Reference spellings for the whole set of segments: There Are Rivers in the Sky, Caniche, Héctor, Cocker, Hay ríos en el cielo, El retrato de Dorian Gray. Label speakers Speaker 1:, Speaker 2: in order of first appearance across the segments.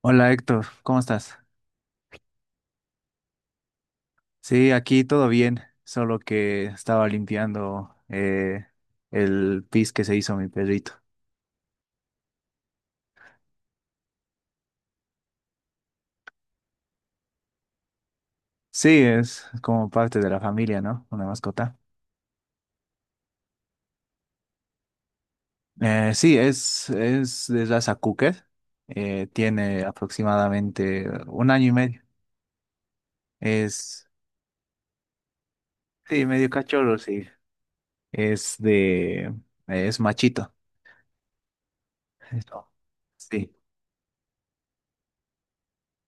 Speaker 1: Hola Héctor, ¿cómo estás? Sí, aquí todo bien, solo que estaba limpiando el pis que se hizo mi perrito. Sí, es como parte de la familia, ¿no? Una mascota. Es de raza Cocker. Tiene aproximadamente un año y medio. Es, sí, medio cachorro, sí. Es de, es machito. Eso. Sí.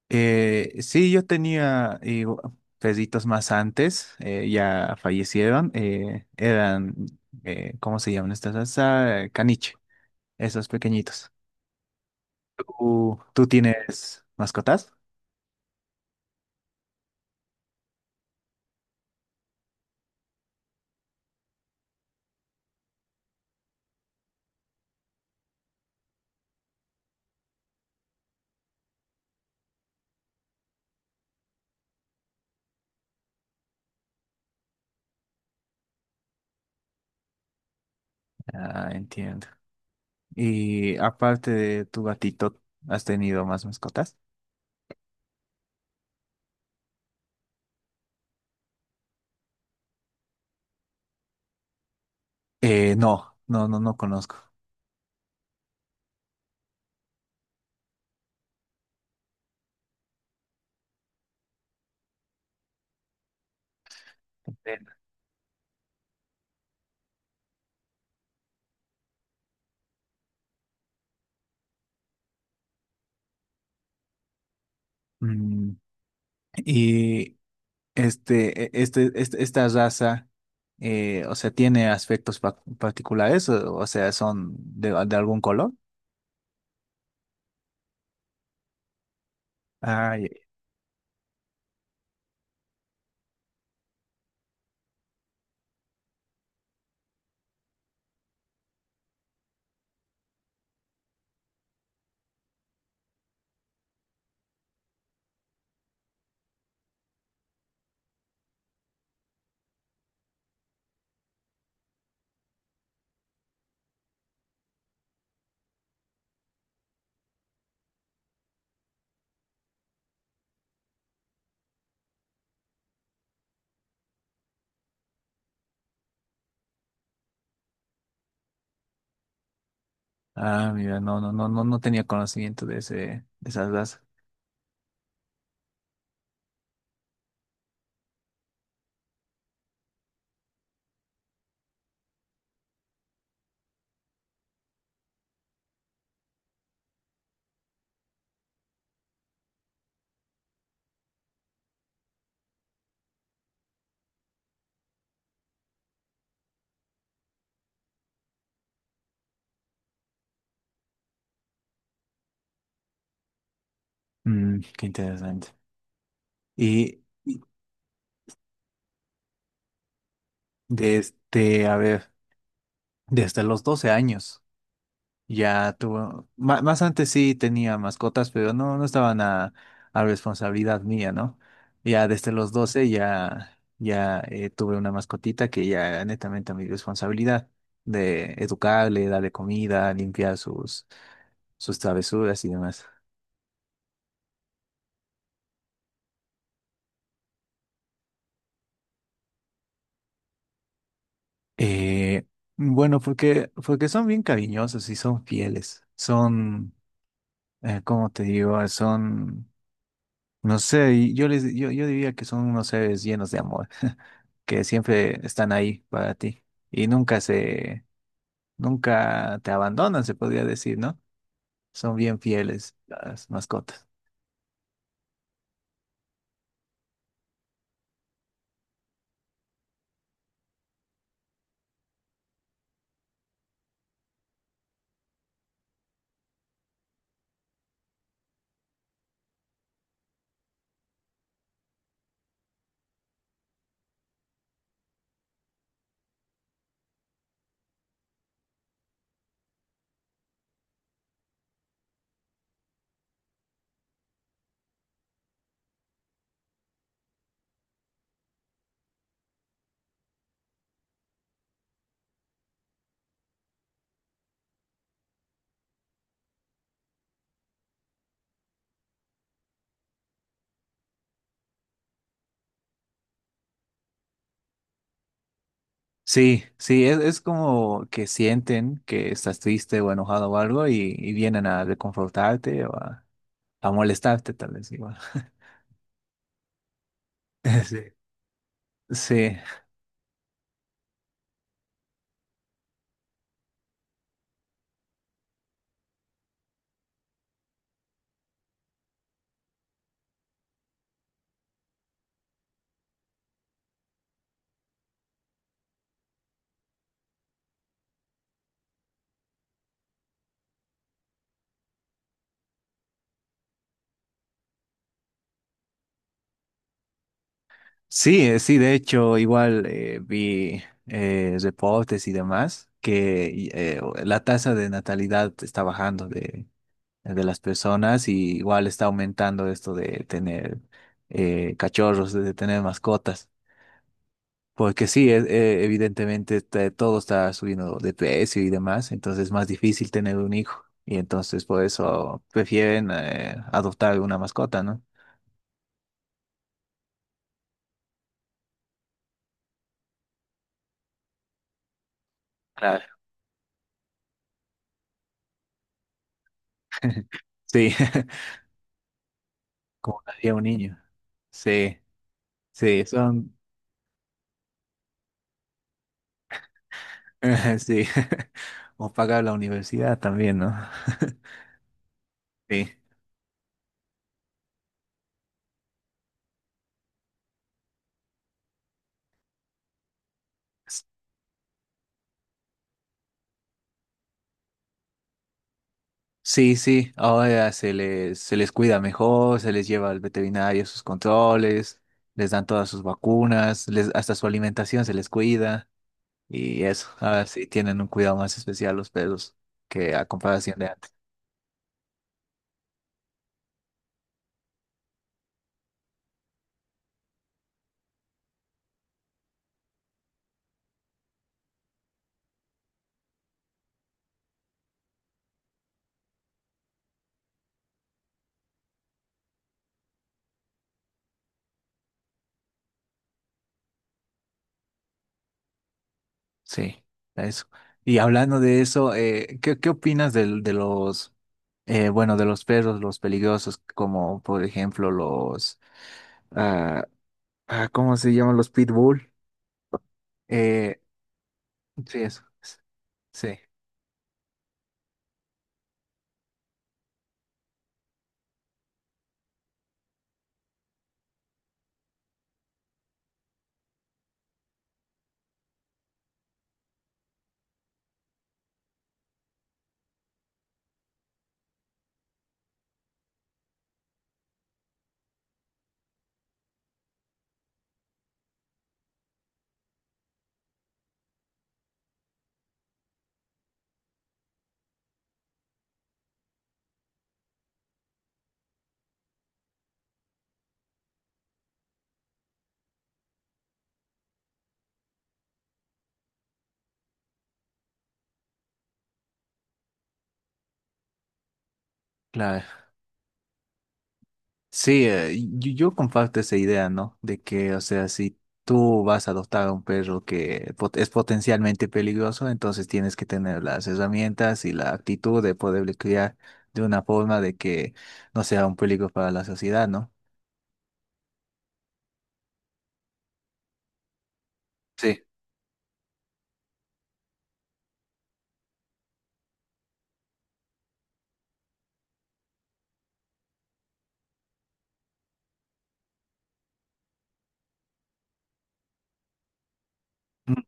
Speaker 1: Sí, yo tenía perritos más antes, ya fallecieron, eran, ¿cómo se llaman estas raza? Caniche, esos pequeñitos. ¿Tú tienes mascotas? Ah, entiendo. Y aparte de tu gatito, ¿has tenido más mascotas? No, no, no, no conozco. Ven. Mm, y esta raza, o sea, tiene aspectos particulares, o sea, son de algún color. Ah, ya- ah, mira, no, no, no, no, no tenía conocimiento de ese, de esa raza. Mm, qué interesante. Y desde, a ver, desde los 12 años. Ya tuvo, más antes sí tenía mascotas, pero no, no estaban a responsabilidad mía, ¿no? Ya desde los 12 ya, tuve una mascotita que ya era netamente a mi responsabilidad de educarle, darle comida, limpiar sus travesuras y demás. Eh, bueno, porque son bien cariñosos y son fieles, son, ¿cómo te digo? Son... No sé, y yo diría que son unos seres llenos de amor, que siempre están ahí para ti y nunca te abandonan, se podría decir, ¿no? Son bien fieles las mascotas. Sí, sí, es como que sienten que estás triste o enojado o algo y vienen a reconfortarte o a molestarte tal vez igual. Sí. Sí, sí, sí, de hecho, igual vi reportes y demás que la tasa de natalidad está bajando de las personas y igual está aumentando esto de tener cachorros, de tener mascotas, porque sí, evidentemente todo está subiendo de precio y demás, entonces es más difícil tener un hijo y entonces por eso prefieren adoptar una mascota, ¿no? Claro. Sí, como haría un niño. Sí. Sí, son, sí, o pagar la universidad también, ¿no? Sí, sí, sí, ahora se les cuida mejor, se les lleva al veterinario sus controles, les dan todas sus vacunas, les, hasta su alimentación se les cuida y eso, ahora sí tienen un cuidado más especial los perros que a comparación de antes. Sí, eso. Y hablando de eso, ¿qué opinas de de los perros, los peligrosos, como por ejemplo los... Ah, ah, ¿cómo se llaman los pitbull? Eh, sí, eso. Sí, claro. Sí, yo comparto esa idea, ¿no? De que, o sea, si tú vas a adoptar a un perro que es potencialmente peligroso, entonces tienes que tener las herramientas y la actitud de poderle criar de una forma de que no sea un peligro para la sociedad, ¿no? Sí. Mm.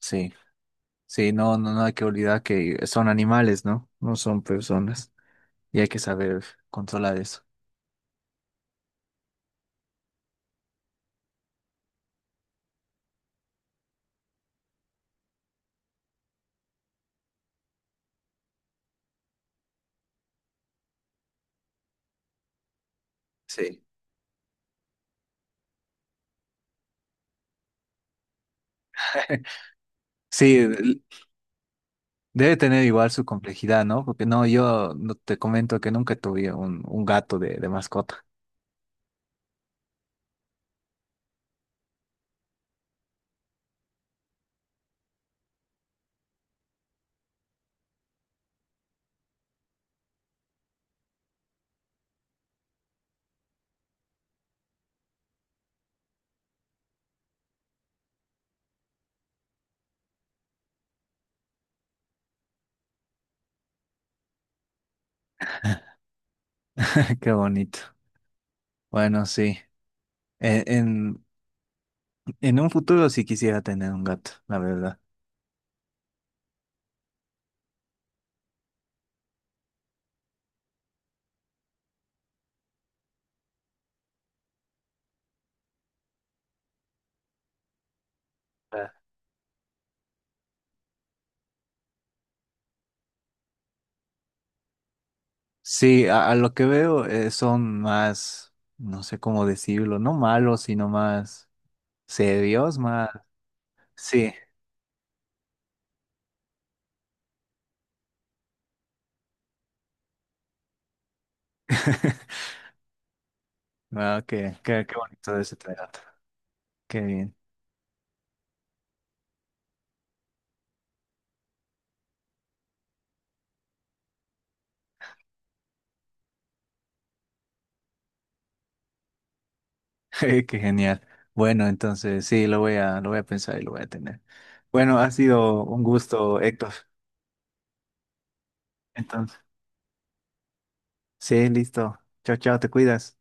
Speaker 1: Sí, sí, no, no, no hay que olvidar que son animales, ¿no? No son personas y hay que saber controlar eso. Sí. Sí, debe tener igual su complejidad, ¿no? Porque no, yo no te comento que nunca tuve un gato de mascota. Qué bonito. Bueno, sí. En, en, en un futuro sí quisiera tener un gato, la verdad. Ah, sí, a lo que veo son más, no sé cómo decirlo, no malos, sino más serios, más... Sí. Ah, qué, qué, qué bonito de ese trato. Qué bien. Qué genial. Bueno, entonces sí, lo voy a pensar y lo voy a tener. Bueno, ha sido un gusto, Héctor. Entonces, sí, listo. Chao, chao, te cuidas.